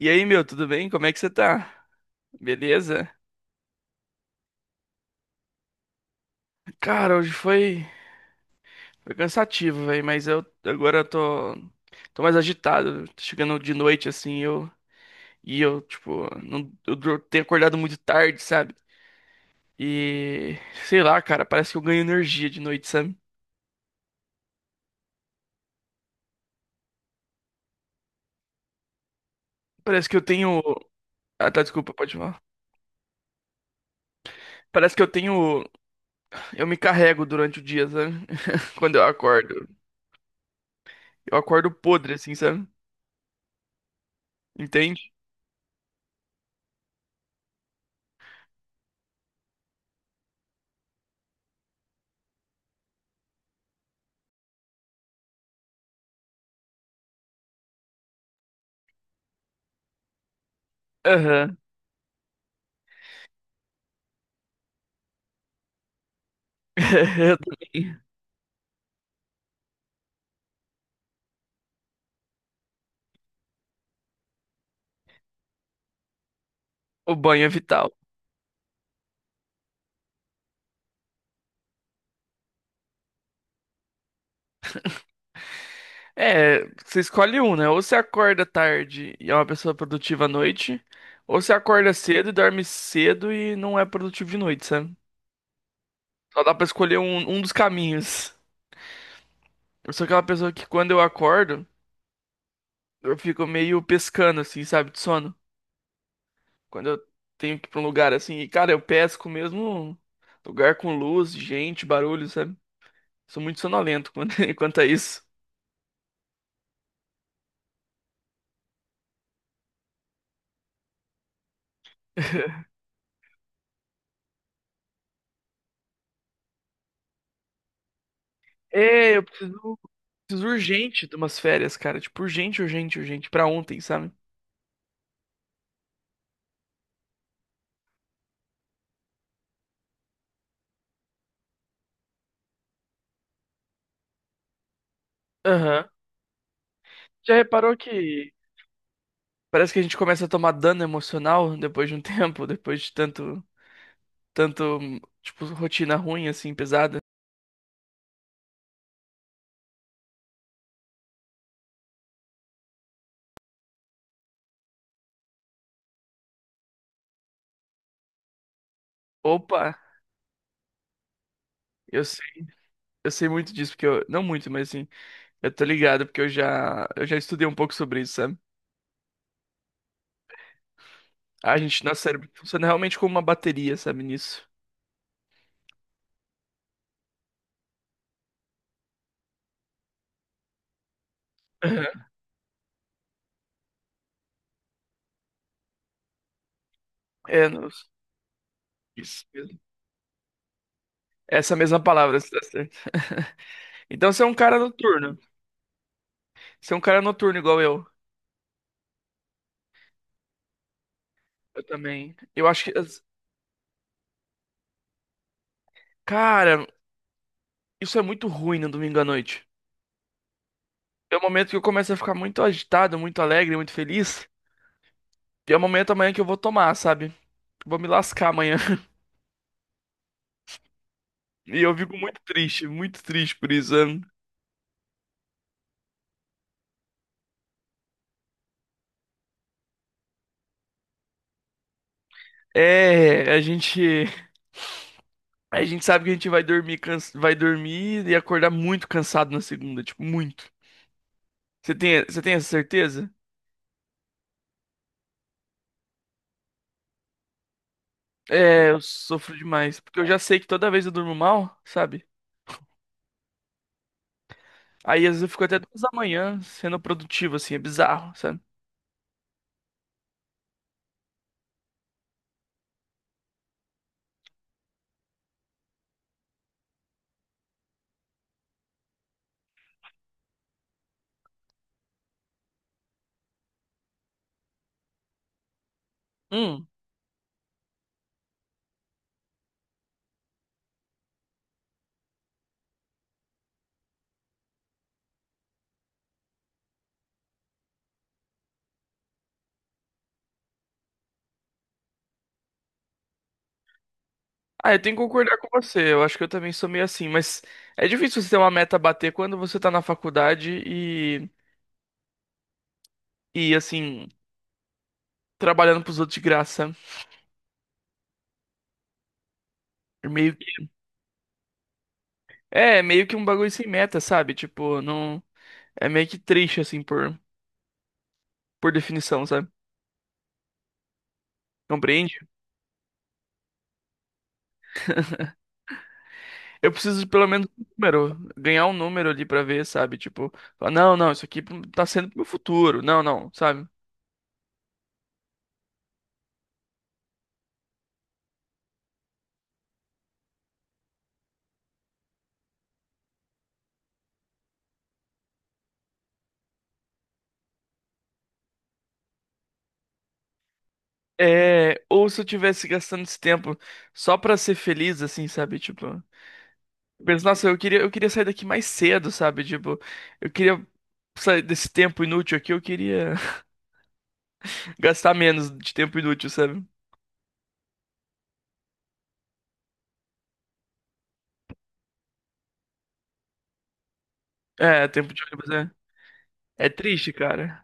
E aí, meu, tudo bem? Como é que você tá? Beleza? Cara, hoje foi, foi cansativo, velho, mas eu agora eu tô mais agitado. Tô chegando de noite assim, eu, tipo, não eu dur- tenho acordado muito tarde, sabe? E sei lá, cara, parece que eu ganho energia de noite, sabe? Parece que eu tenho. Ah, tá, desculpa, pode falar. Parece que eu tenho Eu me carrego durante o dia, sabe? Quando eu acordo. Eu acordo podre assim, sabe? Entende? Aham. Eu também. O banho é vital. É, você escolhe um, né? Ou você acorda tarde e é uma pessoa produtiva à noite, ou você acorda cedo e dorme cedo e não é produtivo de noite, sabe? Só dá pra escolher um dos caminhos. Eu sou aquela pessoa que, quando eu acordo, eu fico meio pescando, assim, sabe, de sono. Quando eu tenho que ir pra um lugar assim, e cara, eu pesco mesmo, lugar com luz, gente, barulho, sabe? Sou muito sonolento quanto quanto a isso. É, eu preciso. Preciso urgente de umas férias, cara. Tipo, urgente, urgente, urgente. Pra ontem, sabe? Aham. Já reparou que. Parece que a gente começa a tomar dano emocional depois de um tempo, depois de tanto, tanto, tipo, rotina ruim, assim, pesada. Opa, eu sei, eu sei muito disso, porque eu, não muito, mas assim, eu tô ligado, porque eu já estudei um pouco sobre isso, sabe? A gente, nosso cérebro funciona realmente como uma bateria, sabe, nisso. Aham. É, nos- isso. Essa mesma palavra, você tá certo. Então você é um cara noturno. Você é um cara noturno igual eu. Eu também. Eu acho que as-. Cara, isso é muito ruim no domingo à noite. É o momento que eu começo a ficar muito agitado, muito alegre, muito feliz. E é o momento amanhã que eu vou tomar, sabe? Vou me lascar amanhã. E eu fico muito triste por isso, né? É, a gente. A gente sabe que a gente vai dormir, vai dormir e acordar muito cansado na segunda, tipo, muito. Você tem essa certeza? É, eu sofro demais. Porque eu já sei que toda vez eu durmo mal, sabe? Aí às vezes eu fico até 2 da manhã sendo produtivo, assim, é bizarro, sabe? Hum. Ah, eu tenho que concordar com você. Eu acho que eu também sou meio assim, mas é difícil você ter uma meta a bater quando você tá na faculdade e assim, trabalhando pros outros de graça. É meio que, é, é meio que um bagulho sem meta, sabe? Tipo, não. É meio que triste, assim, por definição, sabe? Compreende? Eu preciso de pelo menos um número, ganhar um número ali pra ver, sabe? Tipo, falar, não, não, isso aqui tá sendo pro meu futuro. Não, não, sabe? É, ou se eu tivesse gastando esse tempo só pra ser feliz, assim, sabe? Tipo, eu penso, nossa, eu queria sair daqui mais cedo, sabe? Tipo, eu queria sair desse tempo inútil aqui, eu queria gastar menos de tempo inútil, sabe? É, tempo de ônibus é, é triste, cara.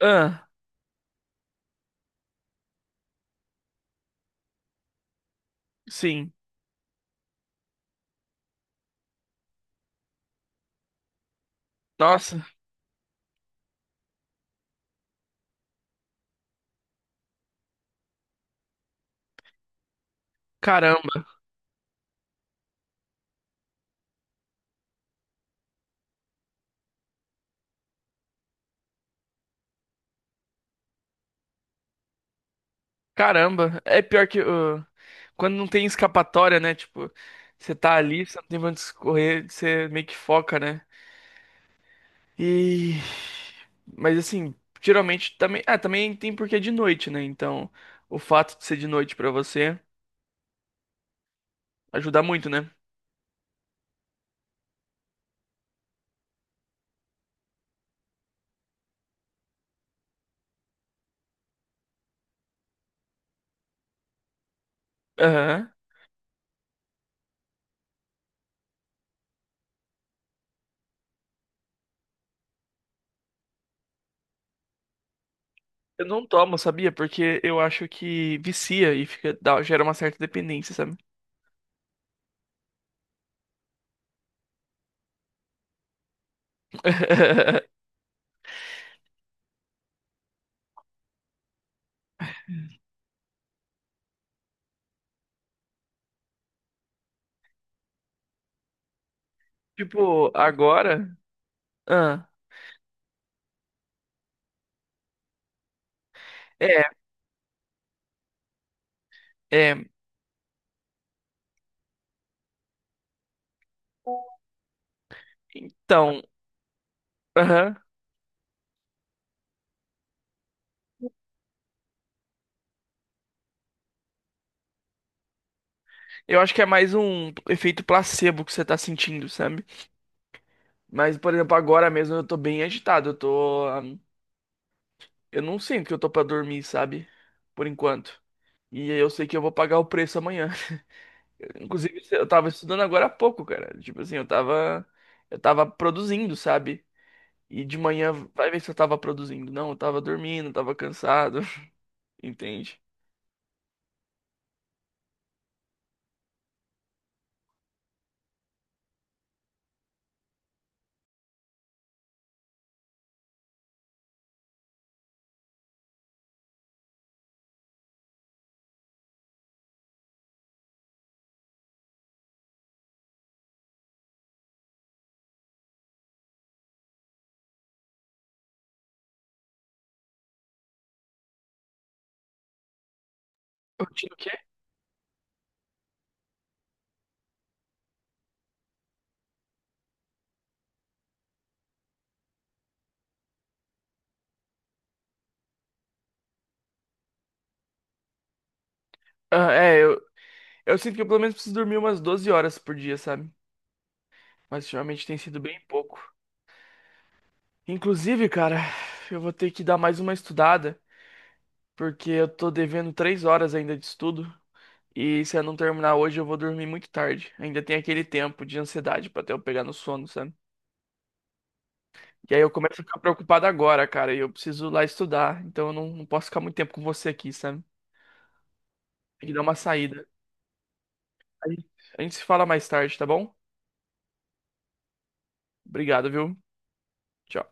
Ah, sim. Nossa, caramba. Caramba, é pior que quando não tem escapatória, né? Tipo, você tá ali, você não tem pra onde escorrer, você meio que foca, né? E mas assim, geralmente também, ah, também tem porque é de noite, né? Então, o fato de ser de noite pra você ajuda muito, né? Aham. Eu não tomo, sabia? Porque eu acho que vicia e fica gera uma certa dependência, sabe? Tipo, agora, ah, é, é, então, aham. Eu acho que é mais um efeito placebo que você tá sentindo, sabe? Mas, por exemplo, agora mesmo eu tô bem agitado. Eu tô, eu não sinto que eu tô pra dormir, sabe? Por enquanto. E eu sei que eu vou pagar o preço amanhã. Inclusive, eu tava estudando agora há pouco, cara. Tipo assim, eu tava. Eu tava produzindo, sabe? E de manhã, vai ver se eu tava produzindo. Não, eu tava dormindo, eu tava cansado. Entende? Rotina o quê? Ah, é, eu sinto que eu pelo menos preciso dormir umas 12 horas por dia, sabe? Mas ultimamente tem sido bem pouco. Inclusive, cara, eu vou ter que dar mais uma estudada, porque eu tô devendo 3 horas ainda de estudo. E se eu não terminar hoje, eu vou dormir muito tarde. Ainda tem aquele tempo de ansiedade pra até eu pegar no sono, sabe? E aí eu começo a ficar preocupado agora, cara, e eu preciso lá estudar. Então eu não posso ficar muito tempo com você aqui, sabe? Tem que dar uma saída. A gente a gente se fala mais tarde, tá bom? Obrigado, viu? Tchau.